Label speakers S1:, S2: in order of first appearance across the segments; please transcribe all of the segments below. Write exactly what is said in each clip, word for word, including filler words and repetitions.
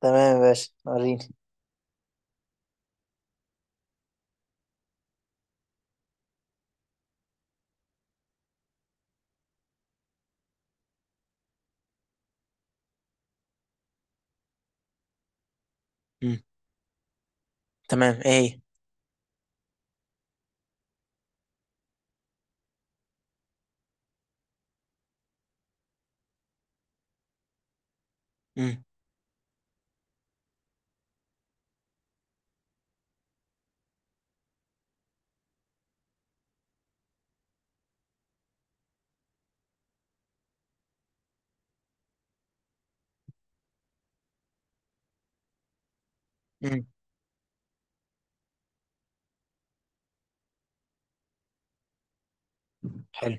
S1: تمام يا باشا وريني. مم. تمام ايه هي؟ مم. مم. حلو.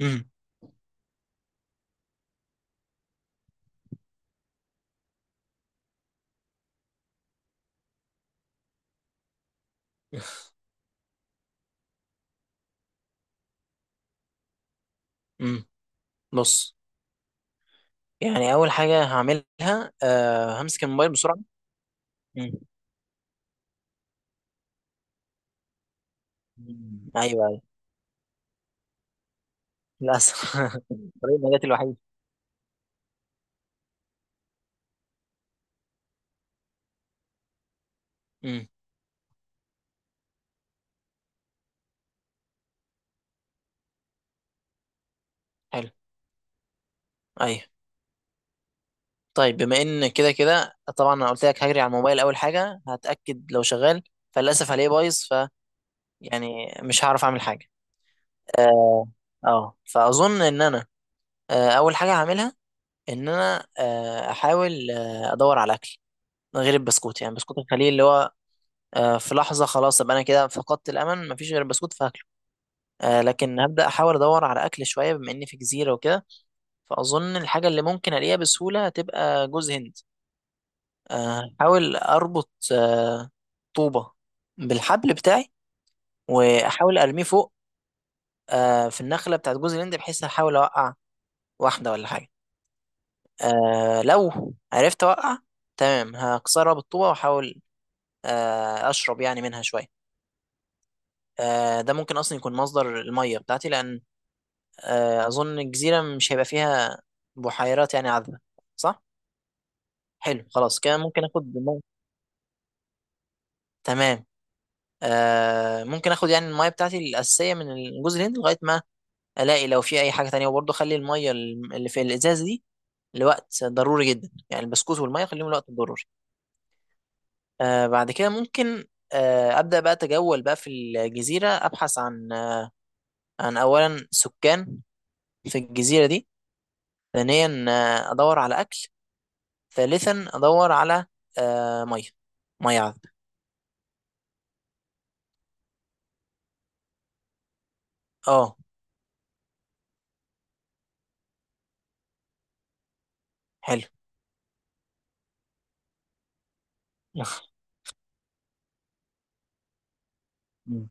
S1: مم. مم. بص، يعني اول حاجه هعملها أه همسك الموبايل بسرعه. مم. مم. ايوه ايوه. للاسف طريق النجاة الوحيد. مم. حلو. ايوه. طيب بما ان كده كده طبعا انا قلت لك هجري على الموبايل اول حاجه هتاكد لو شغال، فللاسف هلاقيه بايظ، ف يعني مش هعرف اعمل حاجه. اه. آه. فاظن ان انا آه، اول حاجه هعملها ان انا آه، احاول آه، ادور على اكل غير البسكوت، يعني بسكوت الخليل اللي هو آه، في لحظة خلاص أبقى أنا كده فقدت الأمل مفيش غير البسكوت فهاكله. آه، لكن هبدأ أحاول أدور على أكل شوية بما إني في جزيرة وكده، فأظن الحاجة اللي ممكن ألاقيها بسهولة هتبقى جوز هند. آه، أحاول أربط آه، طوبة بالحبل بتاعي وأحاول أرميه فوق آه، في النخلة بتاعت جوز الهند، بحيث أحاول أوقع واحدة ولا حاجة. آه، لو عرفت أوقع، تمام، هكسرها بالطوبة وأحاول آه، أشرب يعني منها شوية. آه، ده ممكن اصلا يكون مصدر الميه بتاعتي، لان آه، اظن الجزيره مش هيبقى فيها بحيرات يعني عذبه، صح؟ حلو، خلاص كده ممكن اخد الميه. تمام. آه، ممكن اخد يعني الميه بتاعتي الاساسيه من جوز الهند لغايه ما الاقي لو في اي حاجه تانية، وبرضه اخلي الميه اللي في الازاز دي لوقت ضروري جدا. يعني البسكوت والميه خليهم لوقت ضروري. آه، بعد كده ممكن آه، ابدا بقى اتجول بقى في الجزيره، ابحث عن عن اولا سكان في الجزيره دي، ثانيا آه، ادور على اكل، ثالثا ادور على آه، ميه، ميه عذب. اه. حلو. مم.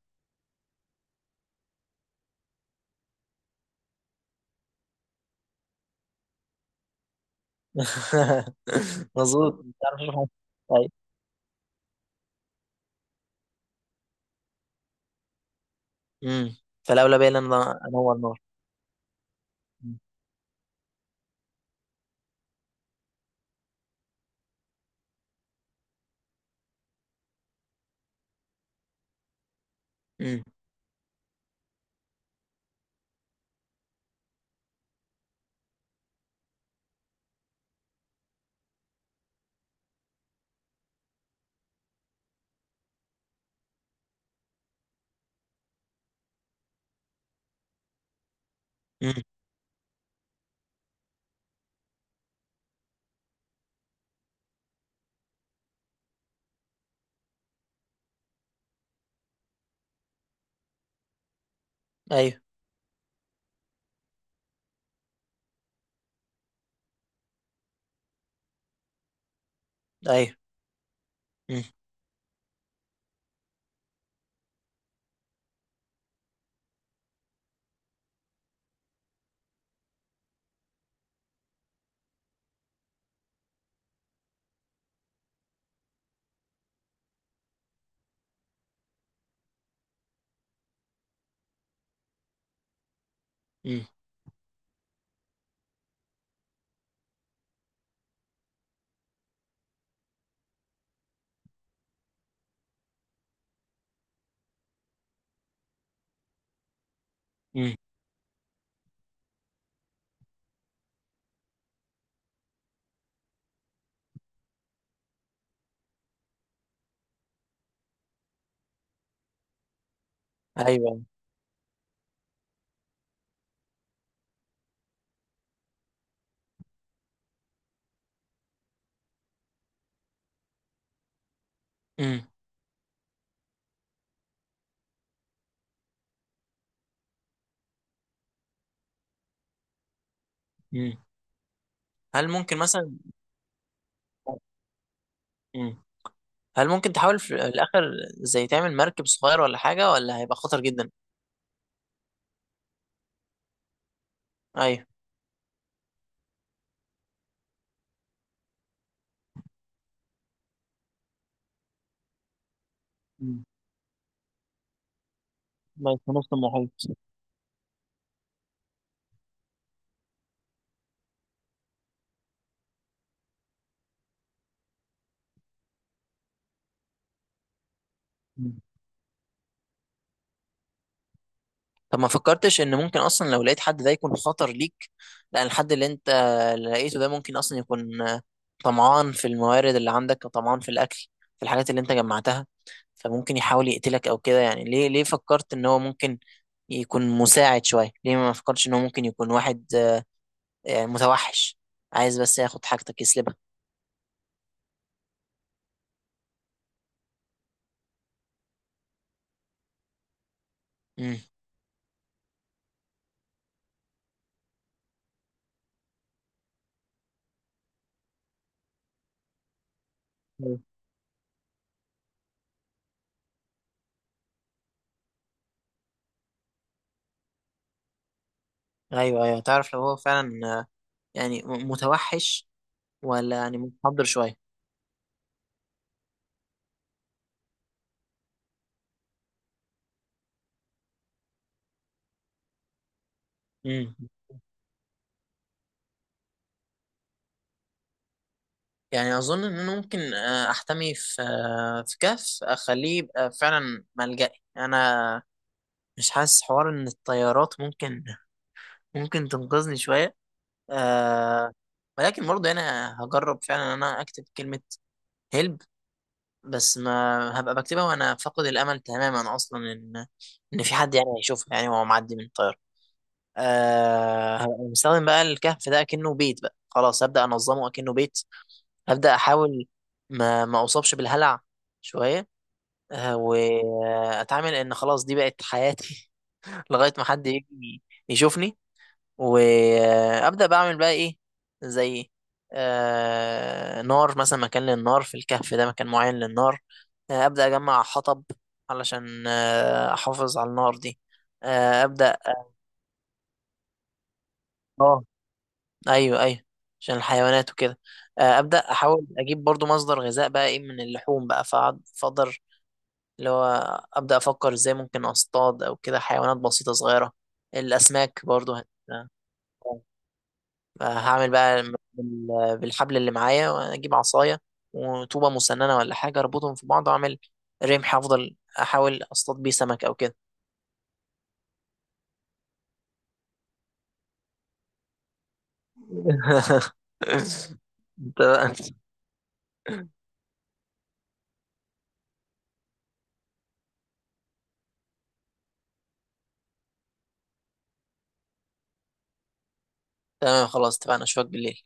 S1: مظبوط مش عارف أشوف حاجة. طيب. امم، فالاولى بقى ان انا انور نار. مم. مم. مم. ايوه ايوه. مم. مم. مم. ايوه. مم. مم. هل ممكن مثلا. مم. هل ممكن تحاول في الاخر زي تعمل مركب صغير ولا حاجه، ولا هيبقى خطر جدا؟ ايوه. مم. ماشي في نص المحيط. طب ما فكرتش ان ممكن اصلا لو لقيت حد ده يكون خطر ليك؟ لان الحد اللي انت لقيته ده ممكن اصلا يكون طمعان في الموارد اللي عندك وطمعان في الاكل، في الحاجات اللي انت جمعتها، فممكن يحاول يقتلك او كده. يعني ليه ليه فكرت ان هو ممكن يكون مساعد شوية؟ ليه ما فكرتش ان هو ممكن يكون واحد آه، يعني متوحش، عايز بس ياخد حاجتك يسلبها؟ امم. ايوه ايوه، تعرف لو هو فعلا آه، يعني م- متوحش ولا يعني متحضر شوية. مم. يعني اظن ان انا ممكن آه، احتمي في آه، في كهف، اخليه يبقى فعلا ملجأي انا. مش حاسس حوار ان الطيارات ممكن ممكن تنقذني شويه. أه. ولكن برضه انا هجرب فعلا ان انا اكتب كلمه هلب، بس ما هبقى بكتبها وانا فاقد الامل تماما اصلا ان ان في حد يعني هيشوفها، يعني وهو معدي من الطياره. أه، هبقى مستخدم بقى الكهف ده كأنه بيت، بقى خلاص هبدأ انظمه كأنه بيت. ابدا احاول ما ما اصابش بالهلع شويه، آه، واتعامل ان خلاص دي بقت حياتي. لغايه ما حد يجي يشوفني. وابدا بعمل بقى ايه، زي آه، نار مثلا. مكان للنار في الكهف ده، مكان معين للنار. آه، ابدا اجمع حطب علشان آه، احافظ على النار دي. آه، ابدا. اه. ايوه ايوه، عشان الحيوانات وكده. آه، ابدا احاول اجيب برضو مصدر غذاء بقى ايه من اللحوم بقى، فأقعد- فاقدر اللي هو أبدأ أفكر إزاي ممكن أصطاد أو كده حيوانات بسيطة صغيرة. الأسماك برضو هت... هعمل بقى بال- بالحبل اللي معايا وأجيب عصاية وطوبة مسننة ولا حاجة، أربطهم في بعض وأعمل رمح، أفضل أحاول أصطاد بيه سمك أو كده. تمام. تمام، خلاص اتفقنا، أشوفك بالليل.